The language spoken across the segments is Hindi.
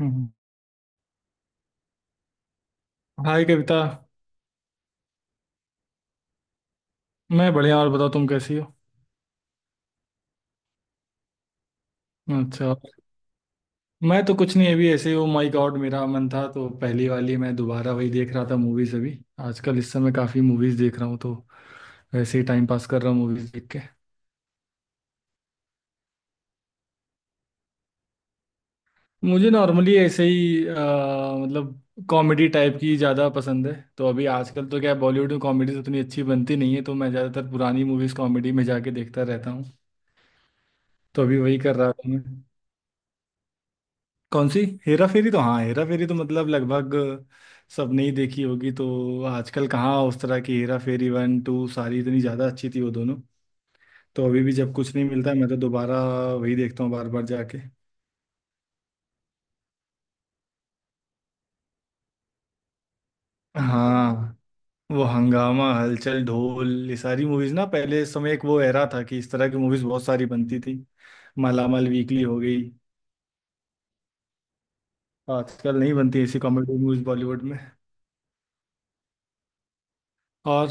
हम्म। हाय कविता। मैं बढ़िया, और बताओ तुम कैसी हो? अच्छा। मैं तो कुछ नहीं, अभी ऐसे ही वो, माय गॉड, मेरा मन था तो पहली वाली मैं दोबारा वही देख रहा था मूवीज अभी। आजकल इस समय काफी मूवीज देख रहा हूँ, तो वैसे ही टाइम पास कर रहा हूँ मूवीज देख के। मुझे नॉर्मली ऐसे ही मतलब कॉमेडी टाइप की ज़्यादा पसंद है। तो अभी आजकल तो क्या है, बॉलीवुड में कॉमेडीज उतनी अच्छी बनती नहीं है, तो मैं ज़्यादातर पुरानी मूवीज कॉमेडी में जाके देखता रहता हूँ। तो अभी वही कर रहा था मैं। कौन सी? हेरा फेरी? तो हाँ, हेरा फेरी तो मतलब लगभग सबने ही देखी होगी। तो आजकल कहाँ उस तरह की, हेरा फेरी वन टू सारी इतनी ज़्यादा अच्छी थी वो दोनों। तो अभी भी जब कुछ नहीं मिलता है, मैं तो दोबारा वही देखता हूँ बार बार जाके। हाँ, वो हंगामा, हलचल, ढोल, ये सारी मूवीज ना, पहले इस समय एक वो एरा था कि इस तरह की मूवीज बहुत सारी बनती थी। मालामाल वीकली हो गई। आजकल नहीं बनती ऐसी कॉमेडी मूवीज बॉलीवुड में। और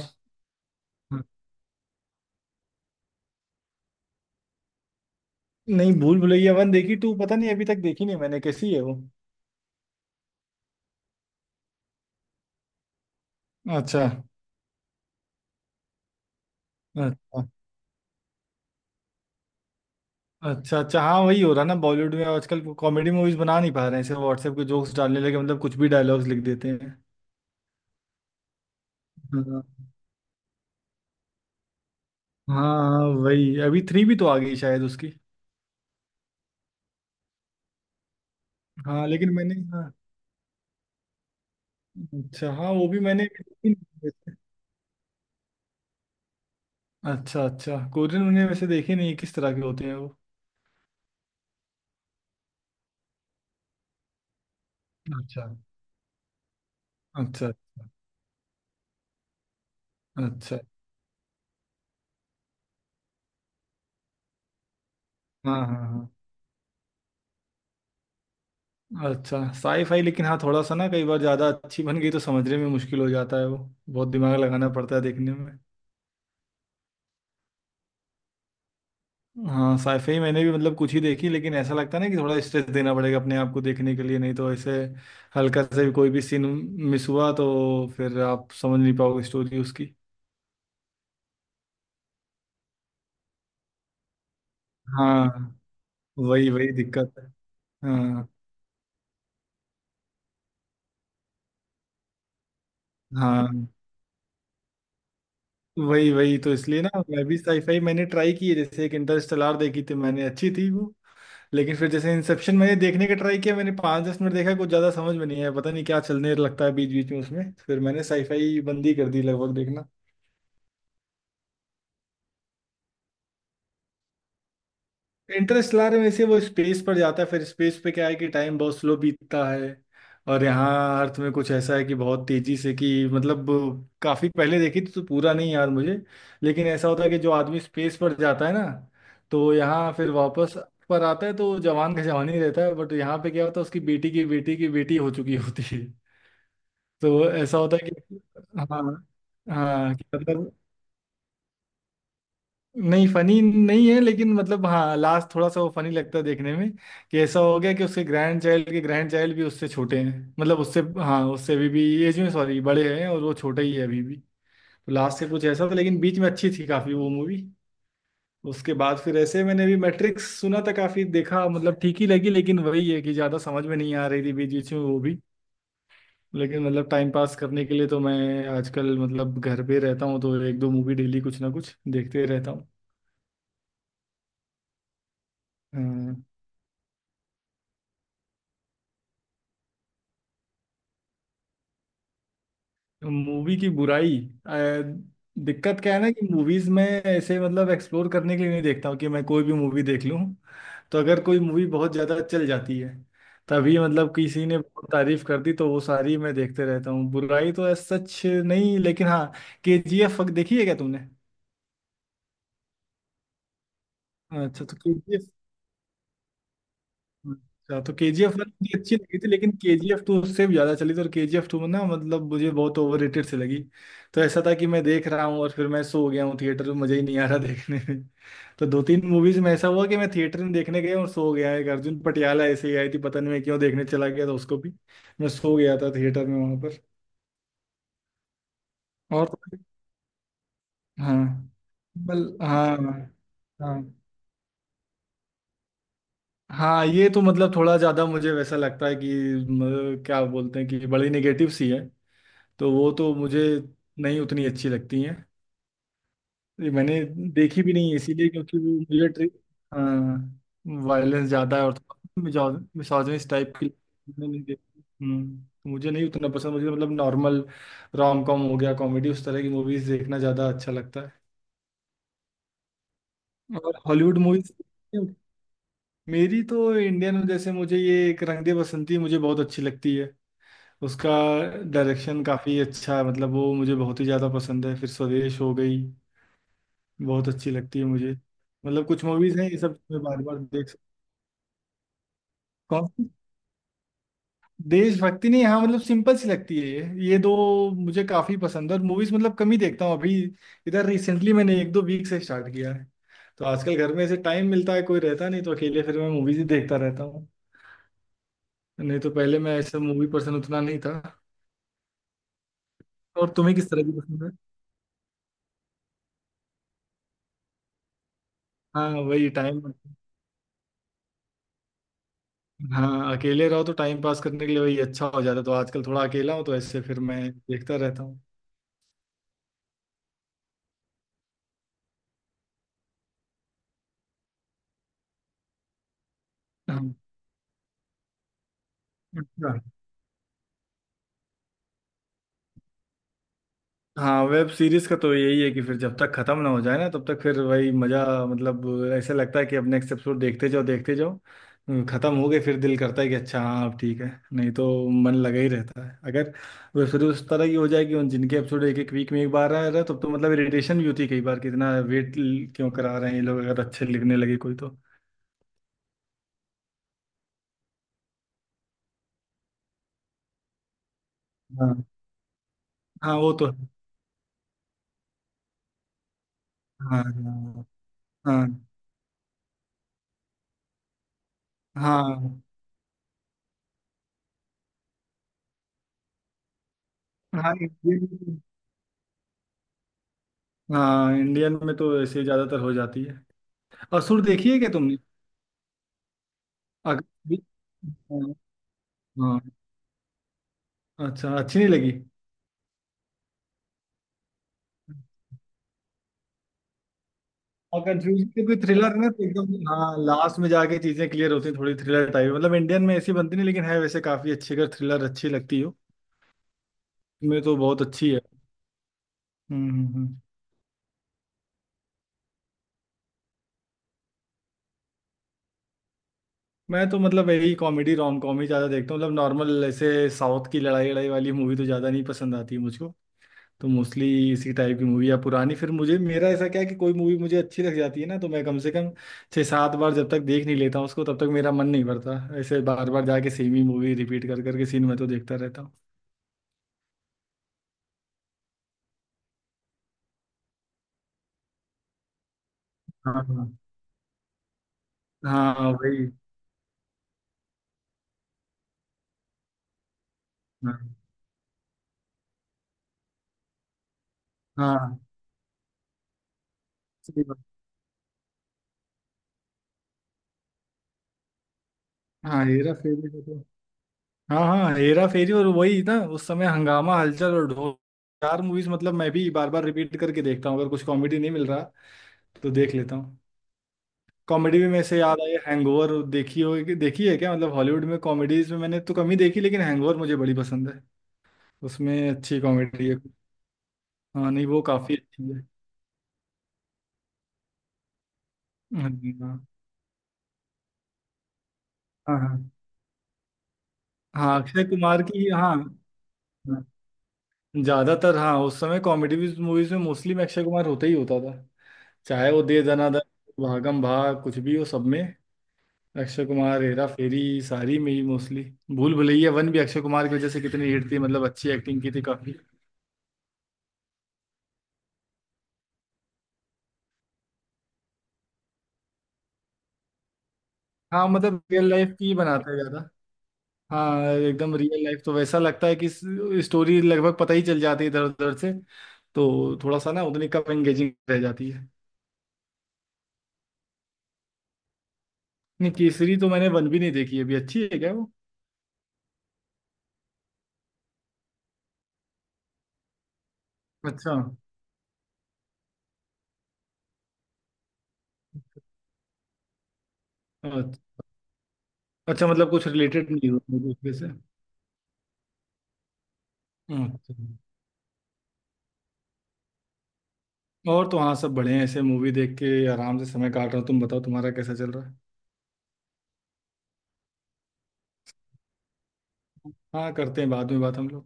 हाँ, नहीं, भूल भुलैया वन देखी, टू पता नहीं, अभी तक देखी नहीं मैंने, कैसी है वो? अच्छा। अच्छा। अच्छा अच्छा, हाँ वही हो रहा ना बॉलीवुड में, आजकल कॉमेडी मूवीज बना नहीं पा रहे हैं, सिर्फ व्हाट्सएप के जोक्स डालने लगे, मतलब कुछ भी डायलॉग्स लिख देते हैं। हाँ। हाँ वही, अभी थ्री भी तो आ गई शायद उसकी। हाँ लेकिन मैंने, हाँ, अच्छा हाँ वो भी मैंने देखी नहीं। वैसे। अच्छा अच्छा, कोरियन मैंने वैसे देखे नहीं, किस तरह के होते हैं वो? अच्छा अच्छा। अच्छा अच्छा। हाँ हाँ। हाँ अच्छा, साई फाई, लेकिन हाँ थोड़ा सा ना, कई बार ज़्यादा अच्छी बन गई तो समझने में मुश्किल हो जाता है वो, बहुत दिमाग लगाना पड़ता है देखने में। हाँ साइफाई मैंने भी मतलब कुछ ही देखी, लेकिन ऐसा लगता है ना कि थोड़ा स्ट्रेस देना पड़ेगा अपने आप को देखने के लिए, नहीं तो ऐसे हल्का से भी कोई भी सीन मिस हुआ तो फिर आप समझ नहीं पाओगे स्टोरी उसकी। हाँ वही वही दिक्कत है। हाँ। हाँ वही वही, तो इसलिए ना मैं भी साईफाई मैंने ट्राई की है, जैसे एक इंटरस्टेलर देखी थी मैंने, अच्छी थी वो। लेकिन फिर जैसे इंसेप्शन मैंने देखने का ट्राई किया, मैंने पाँच दस मिनट देखा कुछ ज़्यादा समझ में नहीं आया, पता नहीं क्या चलने लगता है बीच बीच में उसमें, फिर मैंने साईफाई बंद ही कर दी लगभग देखना। इंटरस्टेलर में से वो स्पेस पर जाता है, फिर स्पेस पे क्या है कि टाइम बहुत स्लो बीतता है, और यहाँ अर्थ में कुछ ऐसा है कि बहुत तेजी से, कि मतलब काफी पहले देखी थी तो पूरा नहीं याद मुझे, लेकिन ऐसा होता है कि जो आदमी स्पेस पर जाता है ना, तो यहाँ फिर वापस पर आता है तो जवान का जवान ही रहता है, बट यहाँ पे क्या होता है उसकी बेटी की बेटी की बेटी हो चुकी होती है। तो ऐसा होता है कि हाँ। हाँ कि मतलब, नहीं फनी नहीं है, लेकिन मतलब हाँ लास्ट थोड़ा सा वो फनी लगता है देखने में, कि ऐसा हो गया कि उसके ग्रैंड चाइल्ड के ग्रैंड चाइल्ड भी उससे छोटे हैं, मतलब उससे हाँ उससे अभी भी एज में, सॉरी, बड़े हैं और वो छोटे ही है अभी भी। तो लास्ट से कुछ ऐसा था लेकिन बीच में अच्छी थी काफी वो मूवी। उसके बाद फिर ऐसे मैंने भी मैट्रिक्स सुना था काफी, देखा, मतलब ठीक ही लगी, लेकिन वही है कि ज्यादा समझ में नहीं आ रही थी बीच बीच में वो भी। लेकिन मतलब टाइम पास करने के लिए तो मैं आजकल मतलब घर पे रहता हूँ, तो एक दो मूवी डेली कुछ ना कुछ देखते रहता हूँ। हाँ। मूवी की बुराई? अ, दिक्कत क्या है ना कि मूवीज में ऐसे मतलब एक्सप्लोर करने के लिए नहीं देखता हूँ कि मैं कोई भी मूवी देख लूँ, तो अगर कोई मूवी बहुत ज्यादा चल जाती है, तभी मतलब किसी ने बहुत तारीफ कर दी तो वो सारी मैं देखते रहता हूँ, बुराई तो ऐसा सच नहीं, लेकिन हाँ, के जी एफ देखी है क्या तुमने? अच्छा तो, अच्छा तो के जी एफ वन मुझे अच्छी लगी थी, लेकिन के जी एफ टू उससे भी ज्यादा चली थी, और के जी एफ टू में ना मतलब मुझे बहुत ओवर रेटेड सी लगी। तो ऐसा था कि मैं देख रहा हूँ और फिर मैं सो गया हूँ थिएटर में, मजा ही नहीं आ रहा देखने में। तो दो तीन मूवीज में ऐसा हुआ कि मैं थिएटर में देखने गया और सो गया। एक अर्जुन पटियाला ऐसे ही आई थी, पता नहीं मैं क्यों देखने चला गया था उसको भी, मैं सो गया था थिएटर में वहां पर। और तो- हाँ, बल हाँ। हाँ। हाँ ये तो मतलब थोड़ा ज्यादा मुझे वैसा लगता है कि क्या बोलते हैं कि बड़ी नेगेटिव सी है, तो वो तो मुझे नहीं उतनी अच्छी लगती हैं। ये मैंने देखी भी नहीं है इसीलिए, क्योंकि वो मुझे ट्रि, हाँ वायलेंस ज़्यादा है और थोड़ा मिसोजिनिस्ट टाइप की, मैंने नहीं देखी। हम्म, तो मुझे नहीं उतना पसंद, मुझे मतलब नॉर्मल रोम कॉम हो गया, कॉमेडी, उस तरह की मूवीज़ देखना ज़्यादा अच्छा लगता है। और हॉलीवुड मूवीज़, मेरी तो इंडियन जैसे मुझे ये एक रंग दे बसंती मुझे बहुत अच्छी लगती है, उसका डायरेक्शन काफ़ी अच्छा है, मतलब वो मुझे बहुत ही ज़्यादा पसंद है। फिर स्वदेश हो गई, बहुत अच्छी लगती है मुझे। मतलब कुछ मूवीज हैं ये सब मैं बार बार देख सकता। कौन सी? देशभक्ति नहीं, हाँ मतलब सिंपल सी लगती है ये दो मुझे काफी पसंद है, और मूवीज मतलब कम ही देखता हूँ अभी। इधर रिसेंटली मैंने एक दो वीक से स्टार्ट किया है, तो आजकल घर में ऐसे टाइम मिलता है कोई रहता नहीं, तो अकेले फिर मैं मूवीज ही देखता रहता हूँ। नहीं तो पहले मैं ऐसा मूवी पर्सन उतना नहीं था। और तुम्हें किस तरह की पसंद है? हाँ वही टाइम, हाँ अकेले रहो तो टाइम पास करने के लिए वही अच्छा हो जाता है, तो आजकल थोड़ा अकेला हूँ तो ऐसे फिर मैं देखता रहता हूँ। हाँ, अच्छा। हाँ वेब सीरीज का तो यही है कि फिर जब तक खत्म ना हो जाए ना तब तक फिर वही मजा, मतलब ऐसे लगता है कि अब नेक्स्ट एपिसोड देखते जाओ देखते जाओ। खत्म हो गए फिर दिल करता है कि अच्छा हाँ अब ठीक है, नहीं तो मन लगा ही रहता है। अगर वेब सीरीज उस तरह की हो जाए कि उन जिनके एपिसोड एक एक वीक में एक बार आ रहा है, तब तो मतलब इरिटेशन भी होती है कई बार कि इतना वेट क्यों करा रहे हैं ये लोग, अगर अच्छे लिखने लगे कोई तो। हाँ। हाँ वो तो है। हाँ। हाँ। हाँ हाँ हाँ इंडियन, हाँ इंडियन में तो ऐसे ज्यादातर हो जाती है। असुर देखी है क्या तुमने? अग-, हाँ। हाँ, अच्छा, अच्छी नहीं लगी। और कंफ्यूजन से कोई थ्रिलर है ना तो एकदम, हाँ लास्ट में जाके चीजें क्लियर होती हैं, थोड़ी थ्रिलर टाइप, मतलब इंडियन में ऐसी बनती नहीं, लेकिन है वैसे काफी अच्छी, अगर थ्रिलर अच्छी लगती हो। मैं तो बहुत अच्छी है। हम्म हम्म, हम्म। मैं तो मतलब यही कॉमेडी रोम कॉम ही ज्यादा देखता हूँ, मतलब नॉर्मल, ऐसे साउथ की लड़ाई लड़ाई वाली मूवी तो ज्यादा नहीं पसंद आती मुझको। तो मोस्टली इसी टाइप की मूवी या पुरानी, फिर मुझे, मेरा ऐसा क्या है कि कोई मूवी मुझे अच्छी लग जाती है ना तो मैं कम से कम छः सात बार जब तक देख नहीं लेता हूँ उसको तब तक मेरा मन नहीं भरता, ऐसे बार बार जाके सेम ही मूवी रिपीट कर करके सीन में तो देखता रहता हूँ। हाँ हाँ। हाँ वही। हाँ हाँ, सही बात। हाँ हेरा फेरी को तो, हाँ हाँ, हेरा फेरी और वही ना उस समय हंगामा, हलचल और ढोल, चार मूवीज, मतलब मैं भी बार बार रिपीट करके देखता हूँ अगर कुछ कॉमेडी नहीं मिल रहा तो देख लेता हूँ। कॉमेडी भी मेरे से याद आई, हैंगओवर देखी हो, देखी है क्या? मतलब हॉलीवुड में कॉमेडीज में मैंने तो कम ही देखी, लेकिन हैंगओवर मुझे बड़ी पसंद है, उसमें अच्छी कॉमेडी है। हाँ, नहीं वो काफी अच्छी है। हाँ हाँ। हाँ, हाँ, अक्षय कुमार की हाँ। हाँ, ज्यादातर हाँ उस समय कॉमेडी मूवीज में मोस्टली में अक्षय कुमार होता ही होता था, चाहे वो दे दनादन, भागम भाग, कुछ भी हो सब में अक्षय कुमार, हेरा फेरी सारी में ही मोस्टली। भूल भुलैया वन भी अक्षय कुमार की वजह से कितनी हिट थी, मतलब अच्छी एक्टिंग की थी काफी। हाँ मतलब रियल लाइफ की ही बनाते हैं ज्यादा। हाँ एकदम रियल लाइफ तो वैसा लगता है कि स्टोरी लगभग पता ही चल जाती है इधर उधर से, तो थोड़ा सा ना उतनी कम एंगेजिंग रह जाती है। नहीं केसरी तो मैंने वन भी नहीं देखी है अभी, अच्छी है क्या वो? अच्छा। अच्छा अच्छा, मतलब कुछ रिलेटेड नहीं हुआ मुझे उसमें से। अच्छा। और तो हाँ सब बड़े हैं, ऐसे मूवी देख के आराम से समय काट रहा हूँ। तुम बताओ तुम्हारा कैसा चल रहा है? हाँ करते हैं बाद में बात हम लोग।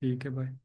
ठीक है, बाय।